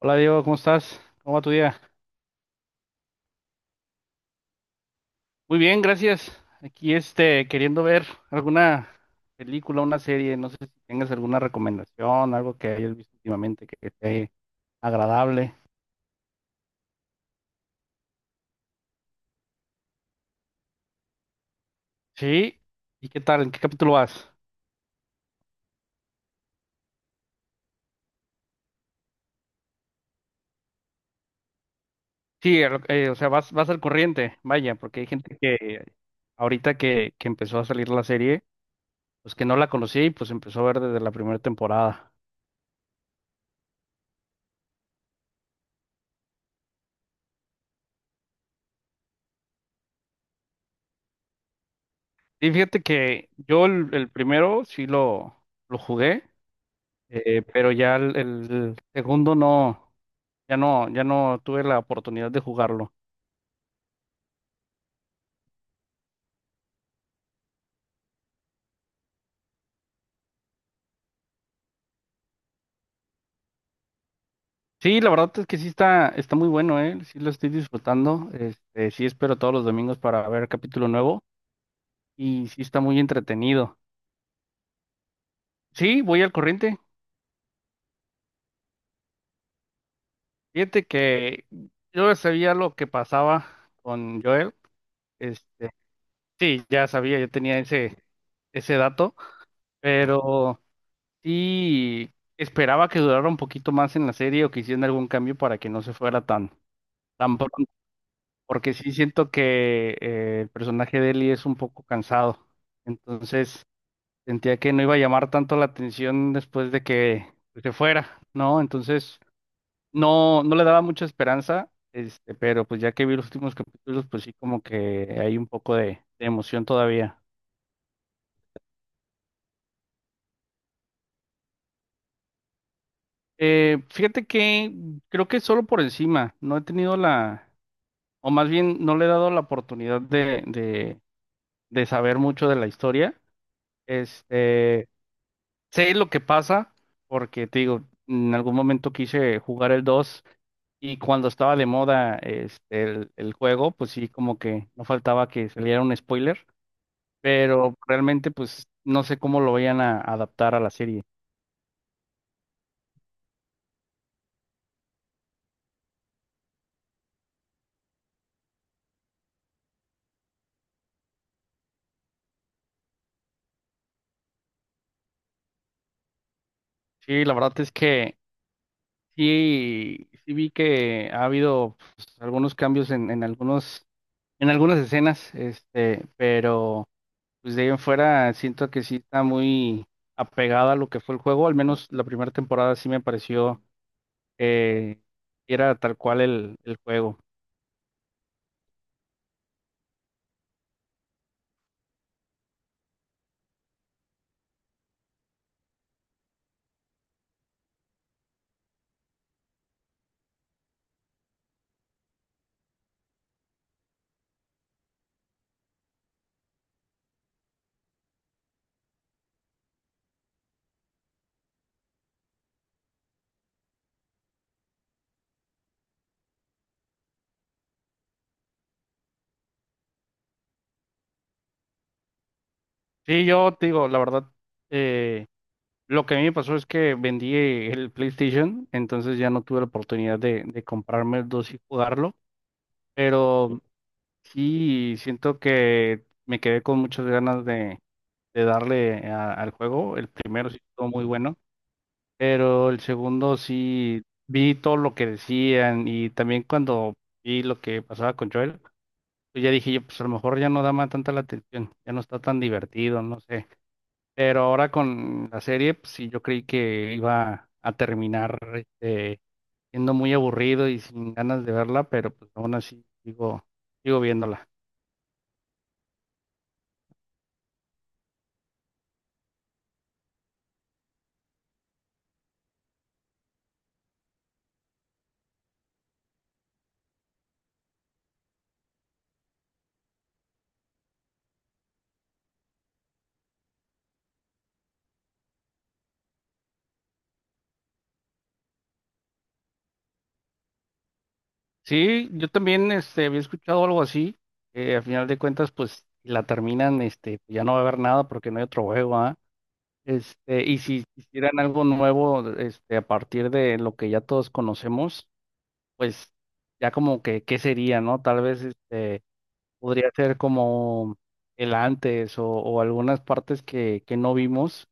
Hola Diego, ¿cómo estás? ¿Cómo va tu día? Muy bien, gracias. Aquí queriendo ver alguna película, una serie, no sé si tengas alguna recomendación, algo que hayas visto últimamente que esté agradable. Sí, ¿y qué tal? ¿En qué capítulo vas? Sí, o sea, vas al corriente, vaya, porque hay gente que ahorita que empezó a salir la serie, pues que no la conocía y pues empezó a ver desde la primera temporada. Y fíjate que yo el primero lo jugué. Pero ya el segundo no, ya no, ya no tuve la oportunidad de jugarlo. Sí, la verdad es que sí está, está muy bueno, ¿eh? Sí lo estoy disfrutando. Sí espero todos los domingos para ver capítulo nuevo y sí está muy entretenido. Sí, voy al corriente. Fíjate que yo ya sabía lo que pasaba con Joel. Este, sí, ya sabía, yo tenía ese dato, pero sí, esperaba que durara un poquito más en la serie o que hicieran algún cambio para que no se fuera tan pronto, porque sí siento que el personaje de Ellie es un poco cansado. Entonces sentía que no iba a llamar tanto la atención después de que, pues, se fuera, ¿no? Entonces no le daba mucha esperanza, pero pues ya que vi los últimos capítulos, pues sí, como que hay un poco de emoción todavía. Fíjate que creo que solo por encima, no he tenido la, o más bien no le he dado la oportunidad de saber mucho de la historia. Este, Sé lo que pasa, porque te digo, en algún momento quise jugar el 2 y cuando estaba de moda el juego, pues sí, como que no faltaba que saliera un spoiler, pero realmente pues no sé cómo lo vayan a adaptar a la serie. Sí, la verdad es que sí vi que ha habido, pues, algunos cambios en algunos en algunas escenas, pero pues de ahí en fuera siento que sí está muy apegada a lo que fue el juego, al menos la primera temporada sí me pareció, eh, era tal cual el juego. Sí, yo te digo, la verdad, eh, lo que a mí me pasó es que vendí el PlayStation, entonces ya no tuve la oportunidad de comprarme el 2 y jugarlo, pero sí siento que me quedé con muchas ganas de darle al juego, el primero sí estuvo muy bueno. Pero el segundo sí vi todo lo que decían y también cuando vi lo que pasaba con Joel, pues ya dije yo, pues a lo mejor ya no da más tanta la atención, ya no está tan divertido, no sé. Pero ahora con la serie, pues sí, yo creí que iba a terminar siendo muy aburrido y sin ganas de verla, pero pues aún así sigo, sigo viéndola. Sí, yo también había escuchado algo así, que a final de cuentas, pues si la terminan, ya no va a haber nada porque no hay otro juego, ¿ah? Y si hicieran algo nuevo, a partir de lo que ya todos conocemos, pues ya como que, ¿qué sería, no? Tal vez, podría ser como el antes o algunas partes que no vimos,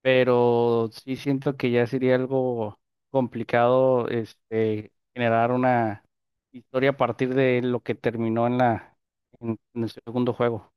pero sí siento que ya sería algo complicado, generar una historia a partir de lo que terminó en la, en el segundo juego.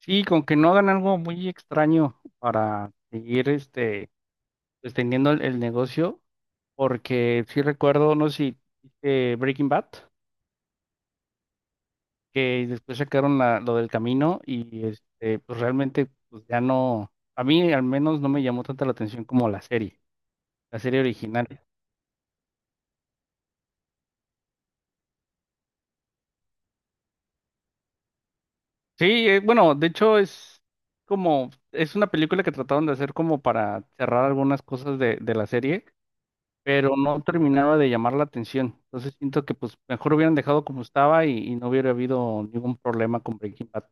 Sí, con que no hagan algo muy extraño para seguir, pues, teniendo el negocio, porque sí recuerdo, no sé si viste Breaking Bad, que después sacaron lo del camino y pues realmente pues ya no, a mí al menos no me llamó tanta la atención como la serie original. Sí, bueno, de hecho es como, es una película que trataron de hacer como para cerrar algunas cosas de la serie, pero no terminaba de llamar la atención. Entonces siento que pues mejor hubieran dejado como estaba y no hubiera habido ningún problema con Breaking Bad.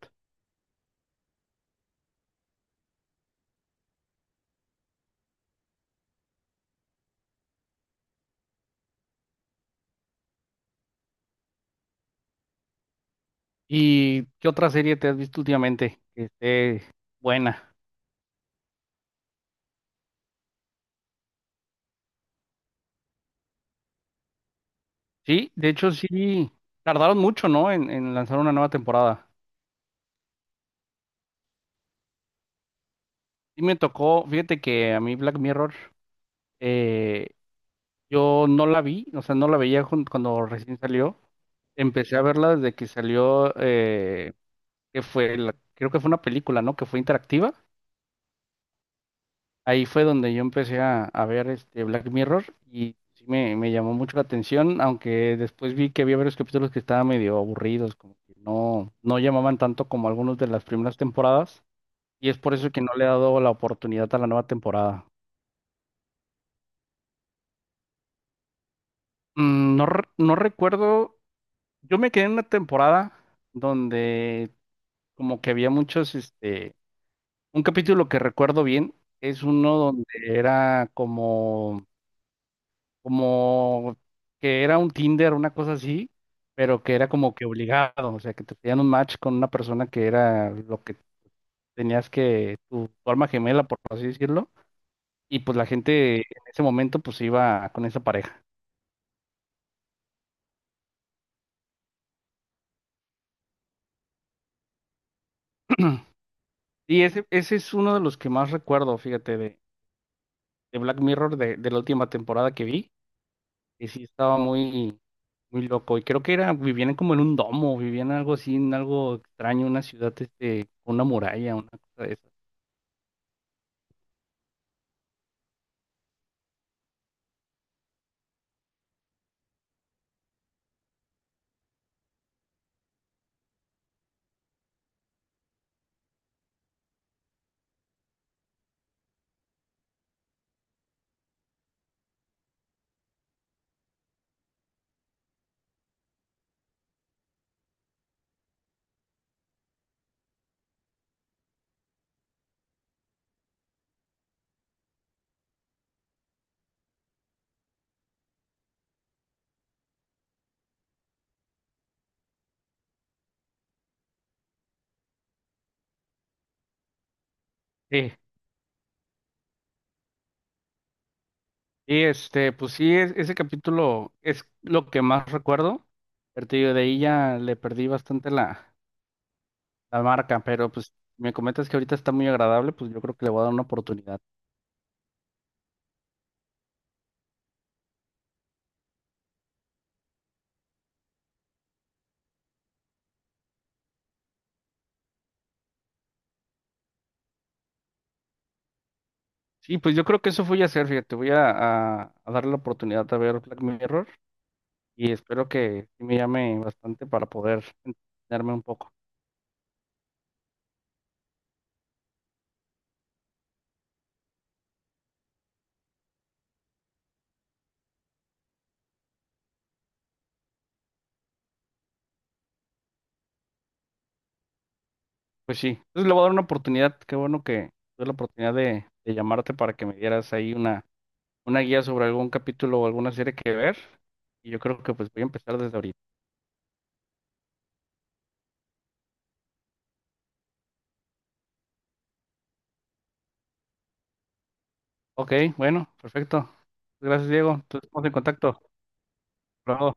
¿Y qué otra serie te has visto últimamente que esté buena? Sí, de hecho sí, tardaron mucho, ¿no? En lanzar una nueva temporada. Sí me tocó, fíjate que a mí Black Mirror, eh, yo no la vi, o sea, no la cuando recién salió. Empecé a verla desde que salió, que fue, creo que fue una película, ¿no? Que fue interactiva. Ahí fue donde yo empecé a ver este Black Mirror y sí me llamó mucho la atención, aunque después vi que había varios capítulos que estaban medio aburridos, como que no llamaban tanto como algunos de las primeras temporadas, y es por eso que no le he dado la oportunidad a la nueva temporada. Mm, no, no recuerdo, yo me quedé en una temporada donde como que había muchos, un capítulo que recuerdo bien, es uno donde era como que era un Tinder, una cosa así, pero que era como que obligado, o sea, que te pedían un match con una persona que era lo que tenías tu alma gemela, por así decirlo, y pues la gente en ese momento pues iba con esa pareja. Y ese es uno de los que más recuerdo, fíjate, de Black Mirror, de la última temporada que vi, que sí estaba muy, muy loco, y creo que era, vivían como en un domo, vivían algo así, en algo extraño, una ciudad, con una muralla, una cosa de esas. Sí. Y pues sí, ese capítulo es lo que más recuerdo. Pero te digo, de ahí ya le perdí bastante la marca, pero pues me comentas que ahorita está muy agradable, pues yo creo que le voy a dar una oportunidad. Sí, pues yo creo que eso voy a hacer, fíjate, voy a darle la oportunidad a ver Black Mirror y espero que sí me llame bastante para poder entenderme un poco. Pues sí, entonces le voy a dar una oportunidad, qué bueno que tuve la oportunidad de llamarte para que me dieras ahí una guía sobre algún capítulo o alguna serie que ver. Y yo creo que pues voy a empezar desde ahorita. Ok, bueno, perfecto. Gracias, Diego. Entonces estamos en contacto. Bravo.